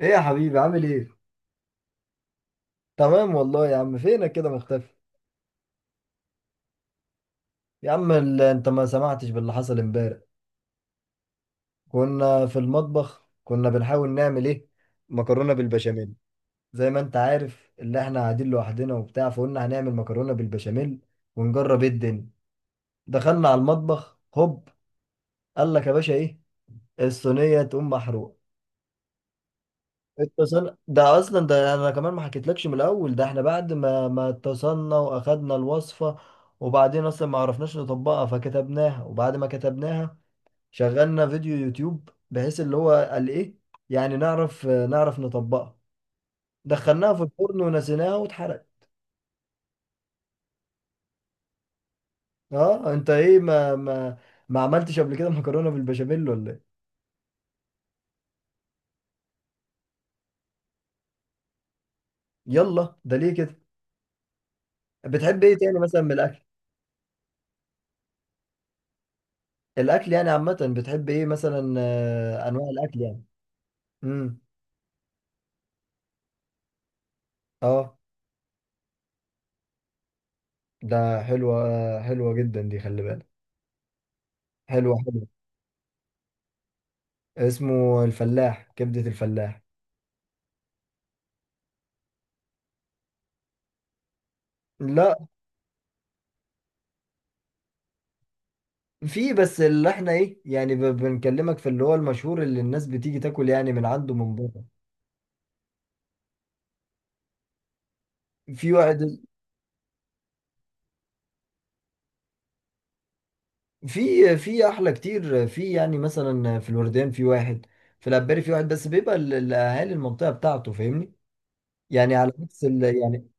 ايه يا حبيبي عامل ايه؟ تمام والله يا عم، فينك كده مختفي؟ يا عم انت ما سمعتش باللي حصل امبارح. كنا في المطبخ، كنا بنحاول نعمل ايه؟ مكرونة بالبشاميل. زي ما انت عارف اللي احنا قاعدين لوحدنا وبتاع، فقلنا هنعمل مكرونة بالبشاميل ونجرب ايه الدنيا. دخلنا على المطبخ هوب، قال لك يا باشا ايه؟ الصينية تقوم محروقة. اتصل ده اصلا، ده انا كمان ما حكيتلكش من الاول، ده احنا بعد ما اتصلنا واخدنا الوصفه، وبعدين اصلا ما عرفناش نطبقها فكتبناها، وبعد ما كتبناها شغلنا فيديو يوتيوب، بحيث اللي هو قال ايه، يعني نعرف نطبقها. دخلناها في الفرن ونسيناها واتحرقت. اه انت ايه، ما عملتش قبل كده مكرونه بالبشاميل ولا ايه؟ يلا، ده ليه كده. بتحب ايه تاني مثلا من الاكل؟ الاكل يعني عامه، بتحب ايه مثلا، انواع الاكل يعني. امم. اه، ده حلوة حلوة جدا دي، خلي بالك. حلوة حلوة. اسمه الفلاح، كبدة الفلاح. لا. في بس اللي احنا ايه يعني، بنكلمك في اللي هو المشهور اللي الناس بتيجي تاكل يعني من عنده من بره. في واحد. في، في احلى كتير، في يعني مثلا في الوردان في واحد، في العباري في واحد، بس بيبقى الاهالي المنطقة بتاعته، فاهمني، يعني على عكس يعني.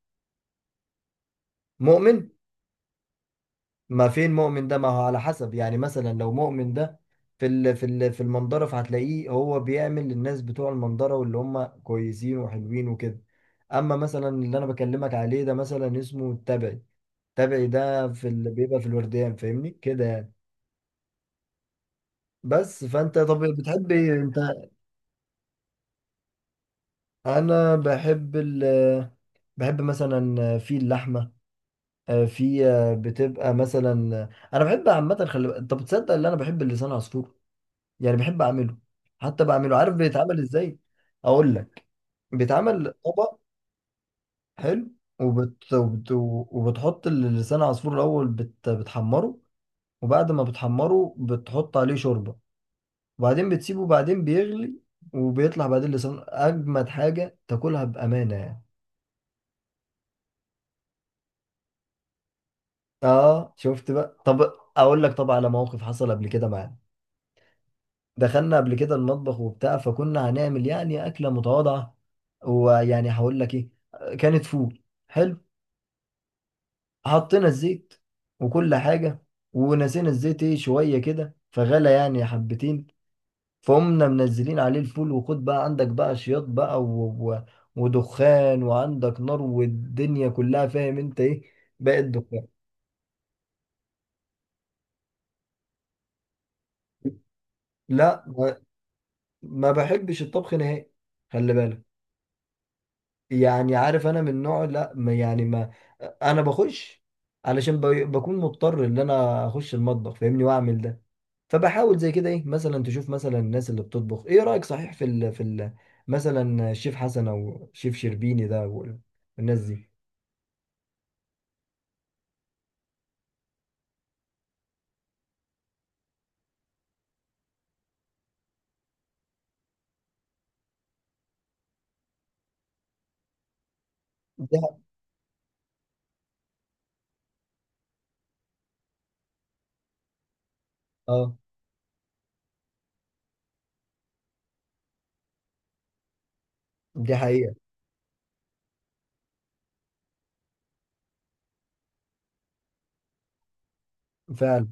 مؤمن. ما فين مؤمن ده؟ ما هو على حسب يعني، مثلا لو مؤمن ده في ال في ال في المنظرة، فهتلاقيه هو بيعمل للناس بتوع المنظرة واللي هم كويسين وحلوين وكده. اما مثلا اللي انا بكلمك عليه ده مثلا اسمه التبعي. التبعي ده في ال... بيبقى في الورديان، فاهمني كده يعني. بس فانت طب بتحب ايه انت؟ انا بحب ال، بحب مثلا في اللحمه، في، بتبقى مثلا، انا بحب عامه، خلي انت بتصدق ان انا بحب اللسان عصفور، يعني بحب اعمله، حتى بعمله، عارف بيتعمل ازاي؟ اقول لك، بيتعمل طبق حلو، وبتحط لسان عصفور الاول، بتحمره، وبعد ما بتحمره بتحط عليه شوربه، وبعدين بتسيبه وبعدين بيغلي، وبيطلع بعدين لسان اجمد حاجه تاكلها بامانه يعني. اه شفت بقى. طب اقول لك، طبعا على موقف حصل قبل كده معانا. دخلنا قبل كده المطبخ وبتاع، فكنا هنعمل يعني اكله متواضعه، ويعني هقول لك ايه، كانت فول. حلو. حطينا الزيت وكل حاجة، ونسينا الزيت ايه شوية كده فغلى يعني حبتين، فقمنا منزلين عليه الفول، وخد بقى عندك بقى شياط بقى و... و... ودخان، وعندك نار، والدنيا كلها فاهم انت ايه، بقت دخان. لا. ما ما بحبش الطبخ نهائي، خلي بالك، يعني عارف انا من نوع لا، ما يعني ما، انا بخش علشان بكون مضطر ان انا اخش المطبخ فاهمني واعمل ده. فبحاول زي كده ايه، مثلا تشوف مثلا الناس اللي بتطبخ، ايه رأيك؟ صحيح في ال في ال، مثلا الشيف حسن او شيف شربيني ده والناس دي. دي ح- اه دي حقيقة. فعلا.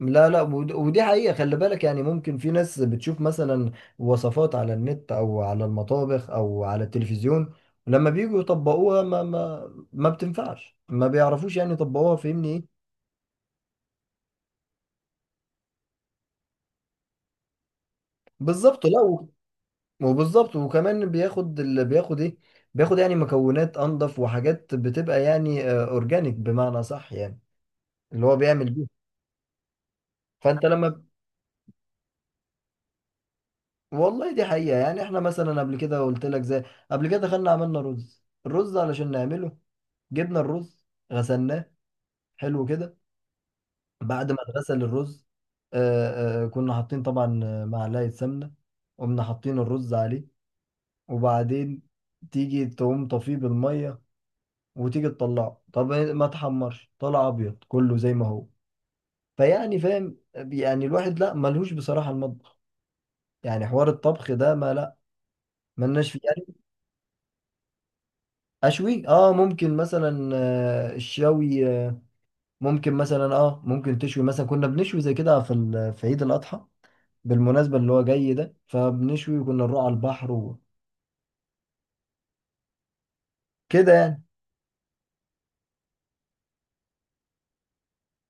لا لا ودي حقيقة، خلي بالك، يعني ممكن في ناس بتشوف مثلا وصفات على النت او على المطابخ او على التلفزيون، لما بييجوا يطبقوها ما بتنفعش، ما بيعرفوش يعني يطبقوها، فاهمني ايه. بالظبط. لا، وبالظبط، وكمان بياخد ال... بياخد ايه، بياخد يعني مكونات انضف، وحاجات بتبقى يعني اورجانيك بمعنى صح يعني، اللي هو بيعمل بيها. فانت لما والله دي حقيقة يعني، احنا مثلا قبل كده قلت لك زي، قبل كده دخلنا عملنا رز، الرز علشان نعمله جبنا الرز، غسلناه، حلو كده. بعد ما اتغسل الرز كنا حاطين طبعا معلقة سمنة، قمنا حاطين الرز عليه، وبعدين تيجي تقوم طفيه بالمية وتيجي تطلعه، طب إيه ما تحمرش؟ طلع ابيض كله زي ما هو، فيعني فاهم يعني الواحد لا ملهوش بصراحة المطبخ، يعني حوار الطبخ ده ما لا ملناش فيه يعني. اشوي، اه ممكن مثلا، آه، الشوي آه، ممكن مثلا، اه ممكن تشوي مثلا، كنا بنشوي زي كده في في عيد الاضحى بالمناسبة اللي هو جاي ده، فبنشوي وكنا نروح على البحر وكده يعني.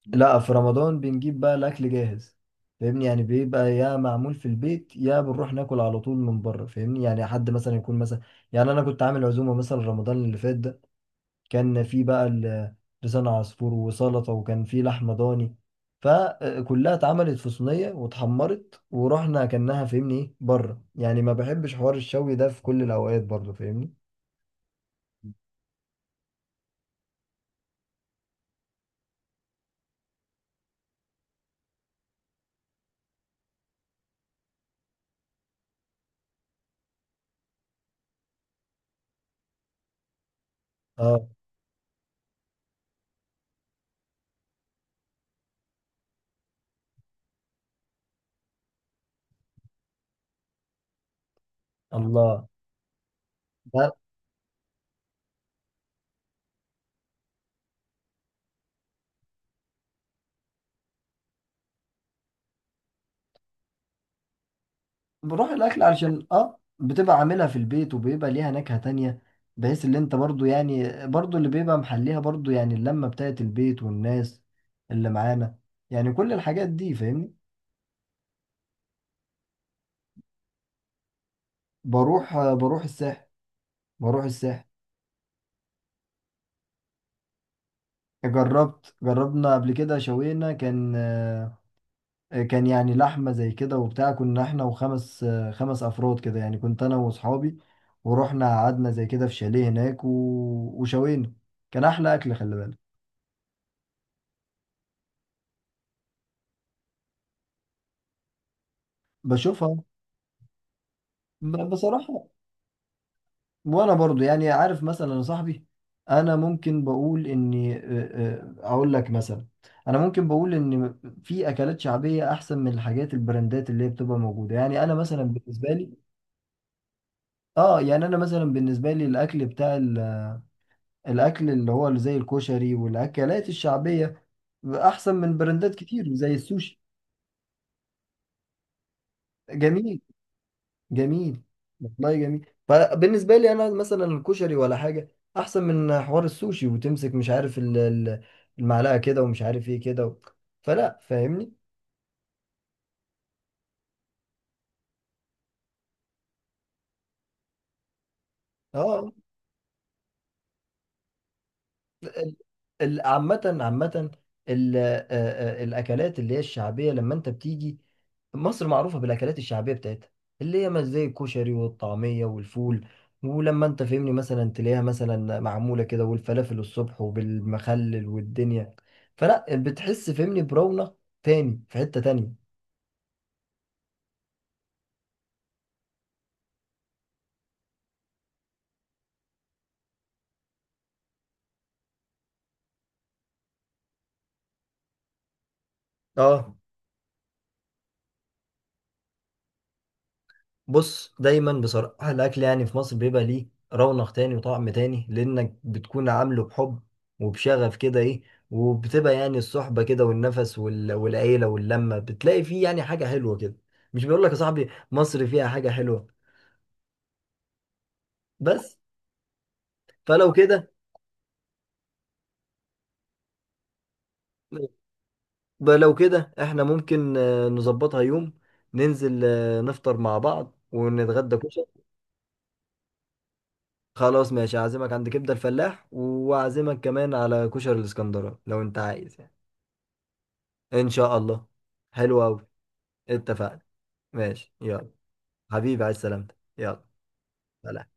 لا في رمضان بنجيب بقى الاكل جاهز، فاهمني، يعني بيبقى يا معمول في البيت يا بنروح ناكل على طول من بره، فاهمني يعني، حد مثلا يكون مثلا، يعني انا كنت عامل عزومه مثلا رمضان اللي فات ده، كان في بقى لسان عصفور وسلطه، وكان في لحمه ضاني، فكلها اتعملت في صينيه واتحمرت ورحنا اكلناها، فاهمني ايه بره، يعني ما بحبش حوار الشوي ده في كل الاوقات برضه، فاهمني. اه. الله. ده بروح الاكل، علشان اه بتبقى عاملها في البيت وبيبقى ليها نكهة تانية، بحيث اللي انت برضو، يعني برضو اللي بيبقى محليها برضو، يعني اللمة بتاعت البيت والناس اللي معانا، يعني كل الحاجات دي، فاهمني. بروح، بروح الساحل، بروح الساحل. جربت، جربنا قبل كده شوينا، كان كان يعني لحمة زي كده وبتاع، كنا احنا وخمس خمس افراد كده يعني، كنت انا واصحابي، ورحنا قعدنا زي كده في شاليه هناك و... وشوينا، كان احلى اكل، خلي بالك. بشوفها. بصراحة. وانا برضو يعني عارف مثلا يا صاحبي، انا ممكن بقول اني اقول لك مثلا، انا ممكن بقول ان في اكلات شعبية احسن من الحاجات البراندات اللي هي بتبقى موجودة، يعني انا مثلا بالنسبة لي. اه، يعني انا مثلا بالنسبة لي الاكل بتاع الاكل اللي هو زي الكشري والاكلات الشعبية احسن من براندات كتير زي السوشي. جميل. جميل. والله جميل، فبالنسبه لي انا مثلا الكشري ولا حاجه احسن من حوار السوشي وتمسك مش عارف المعلقه كده، ومش عارف ايه كده و... فلا فاهمني. اه. ال- عامة عامة، ال- آه، الأكلات اللي هي الشعبية، لما أنت بتيجي مصر معروفة بالأكلات الشعبية بتاعتها، اللي هي ما زي الكشري والطعمية والفول، ولما أنت فهمني مثلا تلاقيها مثلا معمولة كده، والفلافل الصبح وبالمخلل والدنيا، فلا بتحس فهمني برونق تاني في حتة تانية. اه. بص دايما بصراحة الأكل يعني في مصر بيبقى ليه رونق تاني وطعم تاني، لأنك بتكون عامله بحب وبشغف كده إيه، وبتبقى يعني الصحبة كده والنفس وال... والعيلة واللمة، بتلاقي فيه يعني حاجة حلوة كده. مش بيقول لك يا صاحبي مصر فيها حاجة حلوة. بس. فلو كده، لو كده إحنا ممكن نظبطها يوم، ننزل نفطر مع بعض ونتغدى كشري. خلاص ماشي، أعزمك عند كبدة الفلاح وأعزمك كمان على كشري الإسكندراني لو أنت عايز يعني. ان شاء الله. حلو قوي. اتفقنا. ماشي يلا. حبيبي على السلامة. يلا. سلام.